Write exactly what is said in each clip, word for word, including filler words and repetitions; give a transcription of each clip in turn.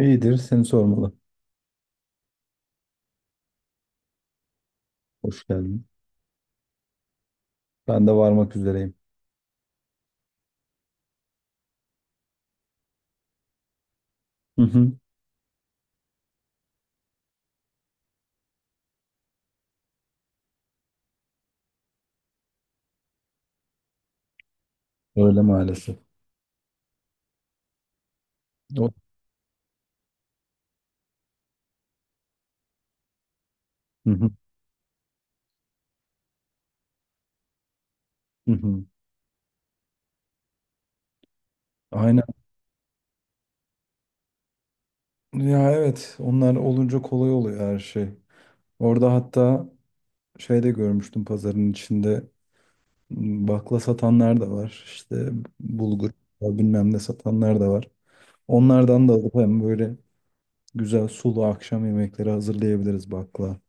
İyidir, seni sormalı. Hoş geldin. Ben de varmak üzereyim. Hı hı. Öyle maalesef. O- Hı hı. Hı hı. Aynen. Ya evet, onlar olunca kolay oluyor her şey. Orada hatta şey de görmüştüm pazarın içinde m, bakla satanlar da var. İşte bulgur bilmem ne satanlar da var. Onlardan da alıp hem böyle güzel sulu akşam yemekleri hazırlayabiliriz bakla.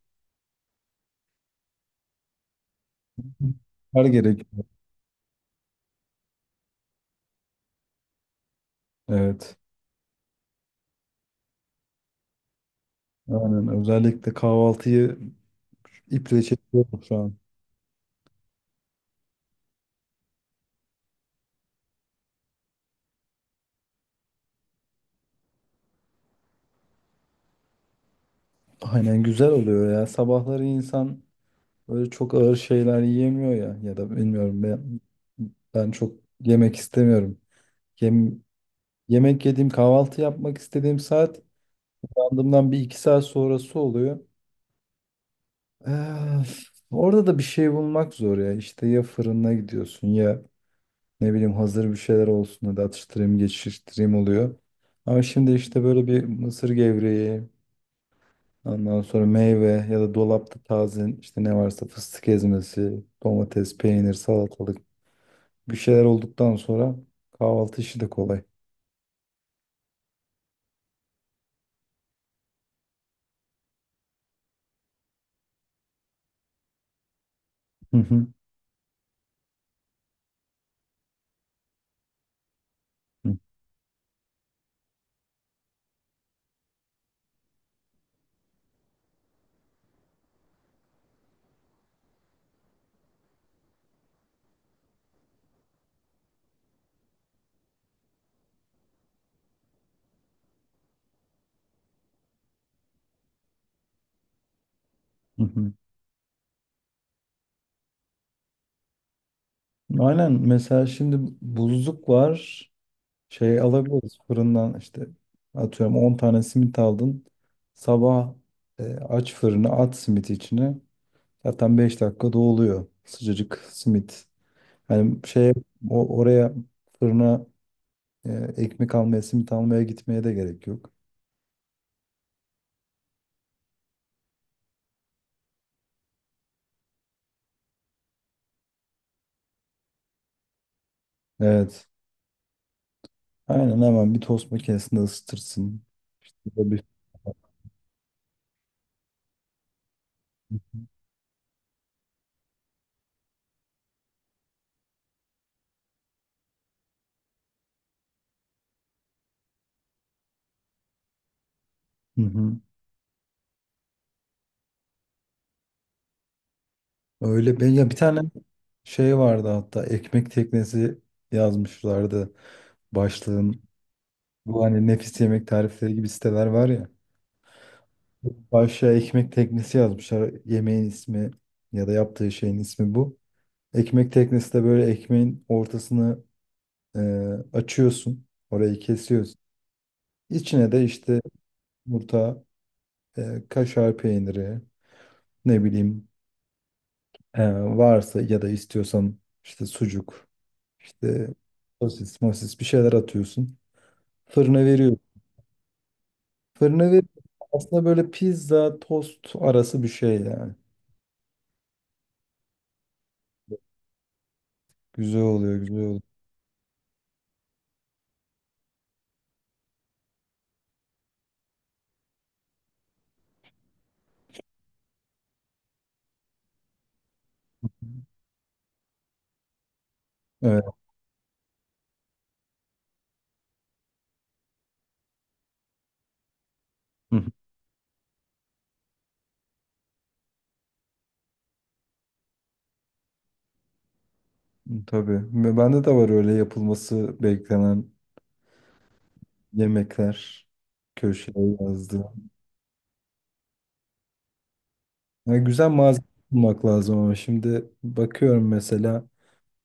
Her gerek. Evet. Aynen. Özellikle kahvaltıyı İple çekiyorum şu an. Aynen güzel oluyor ya. Sabahları insan böyle çok ağır şeyler yiyemiyor ya. Ya da bilmiyorum ben, ben çok yemek istemiyorum. Yem, yemek yediğim, kahvaltı yapmak istediğim saat uyandığımdan bir iki saat sonrası oluyor. Öf, orada da bir şey bulmak zor ya. İşte ya fırına gidiyorsun ya ne bileyim hazır bir şeyler olsun, hadi atıştırayım, geçiştireyim oluyor. Ama şimdi işte böyle bir mısır gevreği, ondan sonra meyve, ya da dolapta taze işte ne varsa fıstık ezmesi, domates, peynir, salatalık, bir şeyler olduktan sonra kahvaltı işi de kolay. Hı hı, hı hı, hı. Aynen, mesela şimdi buzluk var. Şey alabiliriz fırından, işte atıyorum on tane simit aldın. Sabah e, aç fırını, at simit içine. Zaten beş dakikada oluyor sıcacık simit. Hani şey o, oraya, fırına. Ee, ekmek almaya, simit almaya gitmeye de gerek yok. Evet. Aynen, hemen bir tost makinesinde ısıtırsın. Ya da bir. Hı hı. Öyle. Ben ya bir tane şey vardı, hatta ekmek teknesi yazmışlardı başlığın. Bu, hani nefis yemek tarifleri gibi siteler var ya. Başlığa ekmek teknesi yazmışlar. Yemeğin ismi, ya da yaptığı şeyin ismi bu. Ekmek teknesi de, böyle ekmeğin ortasını e, açıyorsun. Orayı kesiyorsun. İçine de işte yumurta, e, kaşar peyniri, ne bileyim e, varsa, ya da istiyorsan işte sucuk, işte sosis, mosis bir şeyler atıyorsun. Fırına veriyorsun. Fırına ver, aslında böyle pizza, tost arası bir şey yani. Güzel oluyor, güzel oluyor. Evet. Hı hı. Tabii. Ve bende de var öyle yapılması beklenen yemekler, köşeye yazdı. Yani güzel malzeme bulmak lazım, ama şimdi bakıyorum, mesela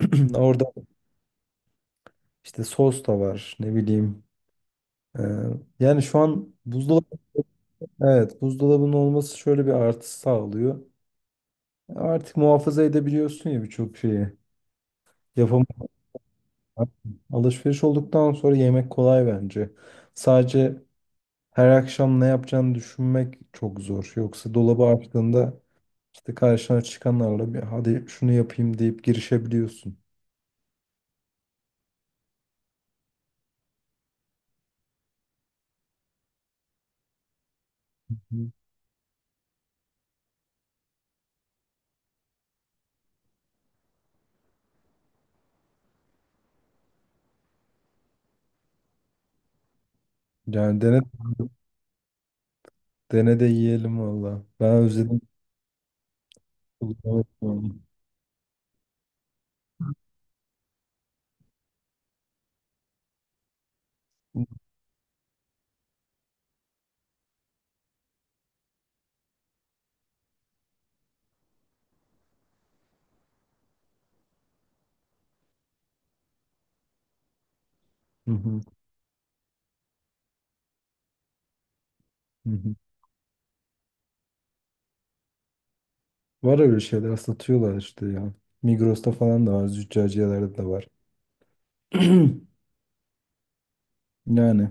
orada işte sos da var, ne bileyim. Ee, yani şu an buzdolabı, evet, buzdolabının olması şöyle bir artı sağlıyor. Artık muhafaza edebiliyorsun ya birçok şeyi. Yapam Alışveriş olduktan sonra yemek kolay bence. Sadece her akşam ne yapacağını düşünmek çok zor. Yoksa dolabı açtığında işte karşına çıkanlarla, bir hadi şunu yapayım deyip girişebiliyorsun. Hı. Yani dene dene de yiyelim valla. Ben özledim. Hı hı. Hı hı. Var öyle şeyler satıyorlar işte ya. Migros'ta falan da var, züccaciyelerde de var. Yani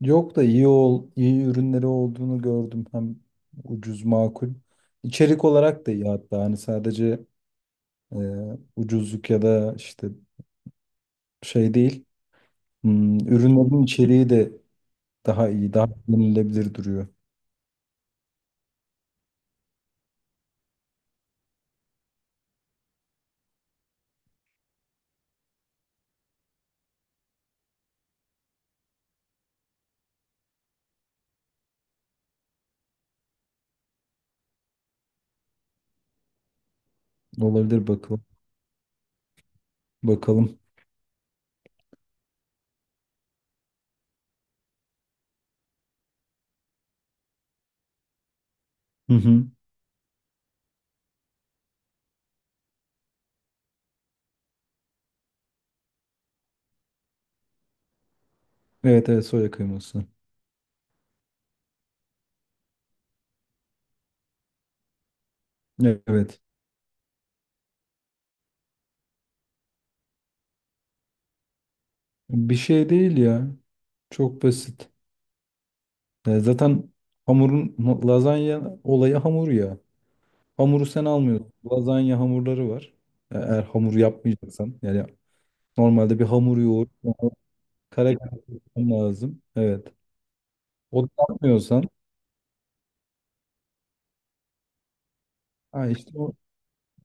yok, da iyi ol, iyi ürünleri olduğunu gördüm. Hem ucuz, makul. İçerik olarak da iyi hatta. Hani sadece e, ucuzluk, ya da işte şey değil. Hmm, ürünlerin içeriği de daha iyi, daha yenilebilir duruyor. Olabilir, bakalım. Bakalım. Hı hı. Evet, evet soya kıyması. Evet. Bir şey değil ya. Çok basit. E, zaten hamurun, lazanya olayı hamur ya. Hamuru sen almıyorsun. Lazanya hamurları var. E, Eğer hamur yapmayacaksan, yani normalde bir hamur yoğur, kare kare yapman lazım. Evet. O da yapmıyorsan, ha işte o-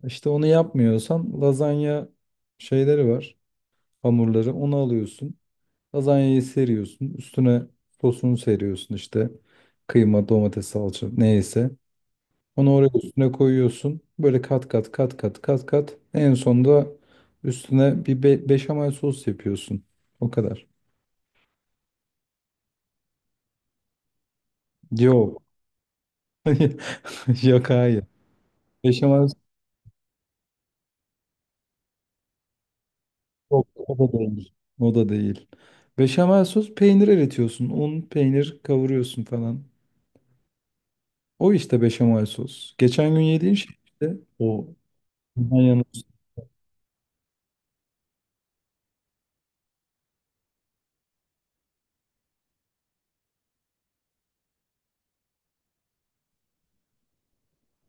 işte onu yapmıyorsan lazanya şeyleri var. Hamurları, onu alıyorsun. Lazanyayı seriyorsun. Üstüne sosunu seriyorsun işte. Kıyma, domates, salça neyse. Onu oraya üstüne koyuyorsun. Böyle kat kat kat kat kat kat. En sonunda üstüne bir be beşamel sos yapıyorsun. O kadar. Yok. Yok, hayır. Beşamel sos yok. O da değil. O da değil. Beşamel sos, peynir eritiyorsun. Un, peynir kavuruyorsun falan. O işte beşamel sos. Geçen gün yediğin şey işte o. Bundan yana-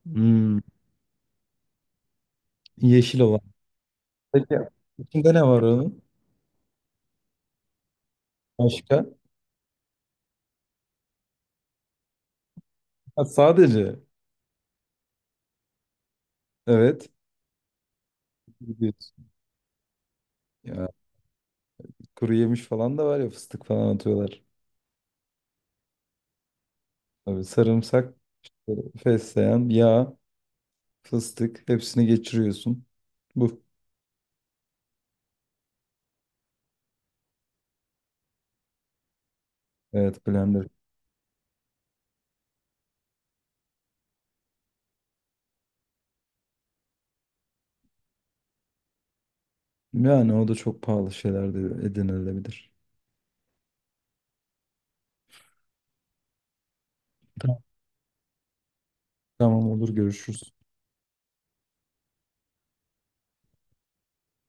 Hmm, yeşil olan. Peki içinde ne var onun? Başka? Ha, sadece. Evet. Gidiyorsun. Kuru yemiş falan da var ya, fıstık falan atıyorlar. Tabii sarımsak, fesleğen, yağ, fıstık, hepsini geçiriyorsun. Bu. Evet, blender. Yani o da çok pahalı, şeyler de edinilebilir. Tamam, tamam, olur, görüşürüz.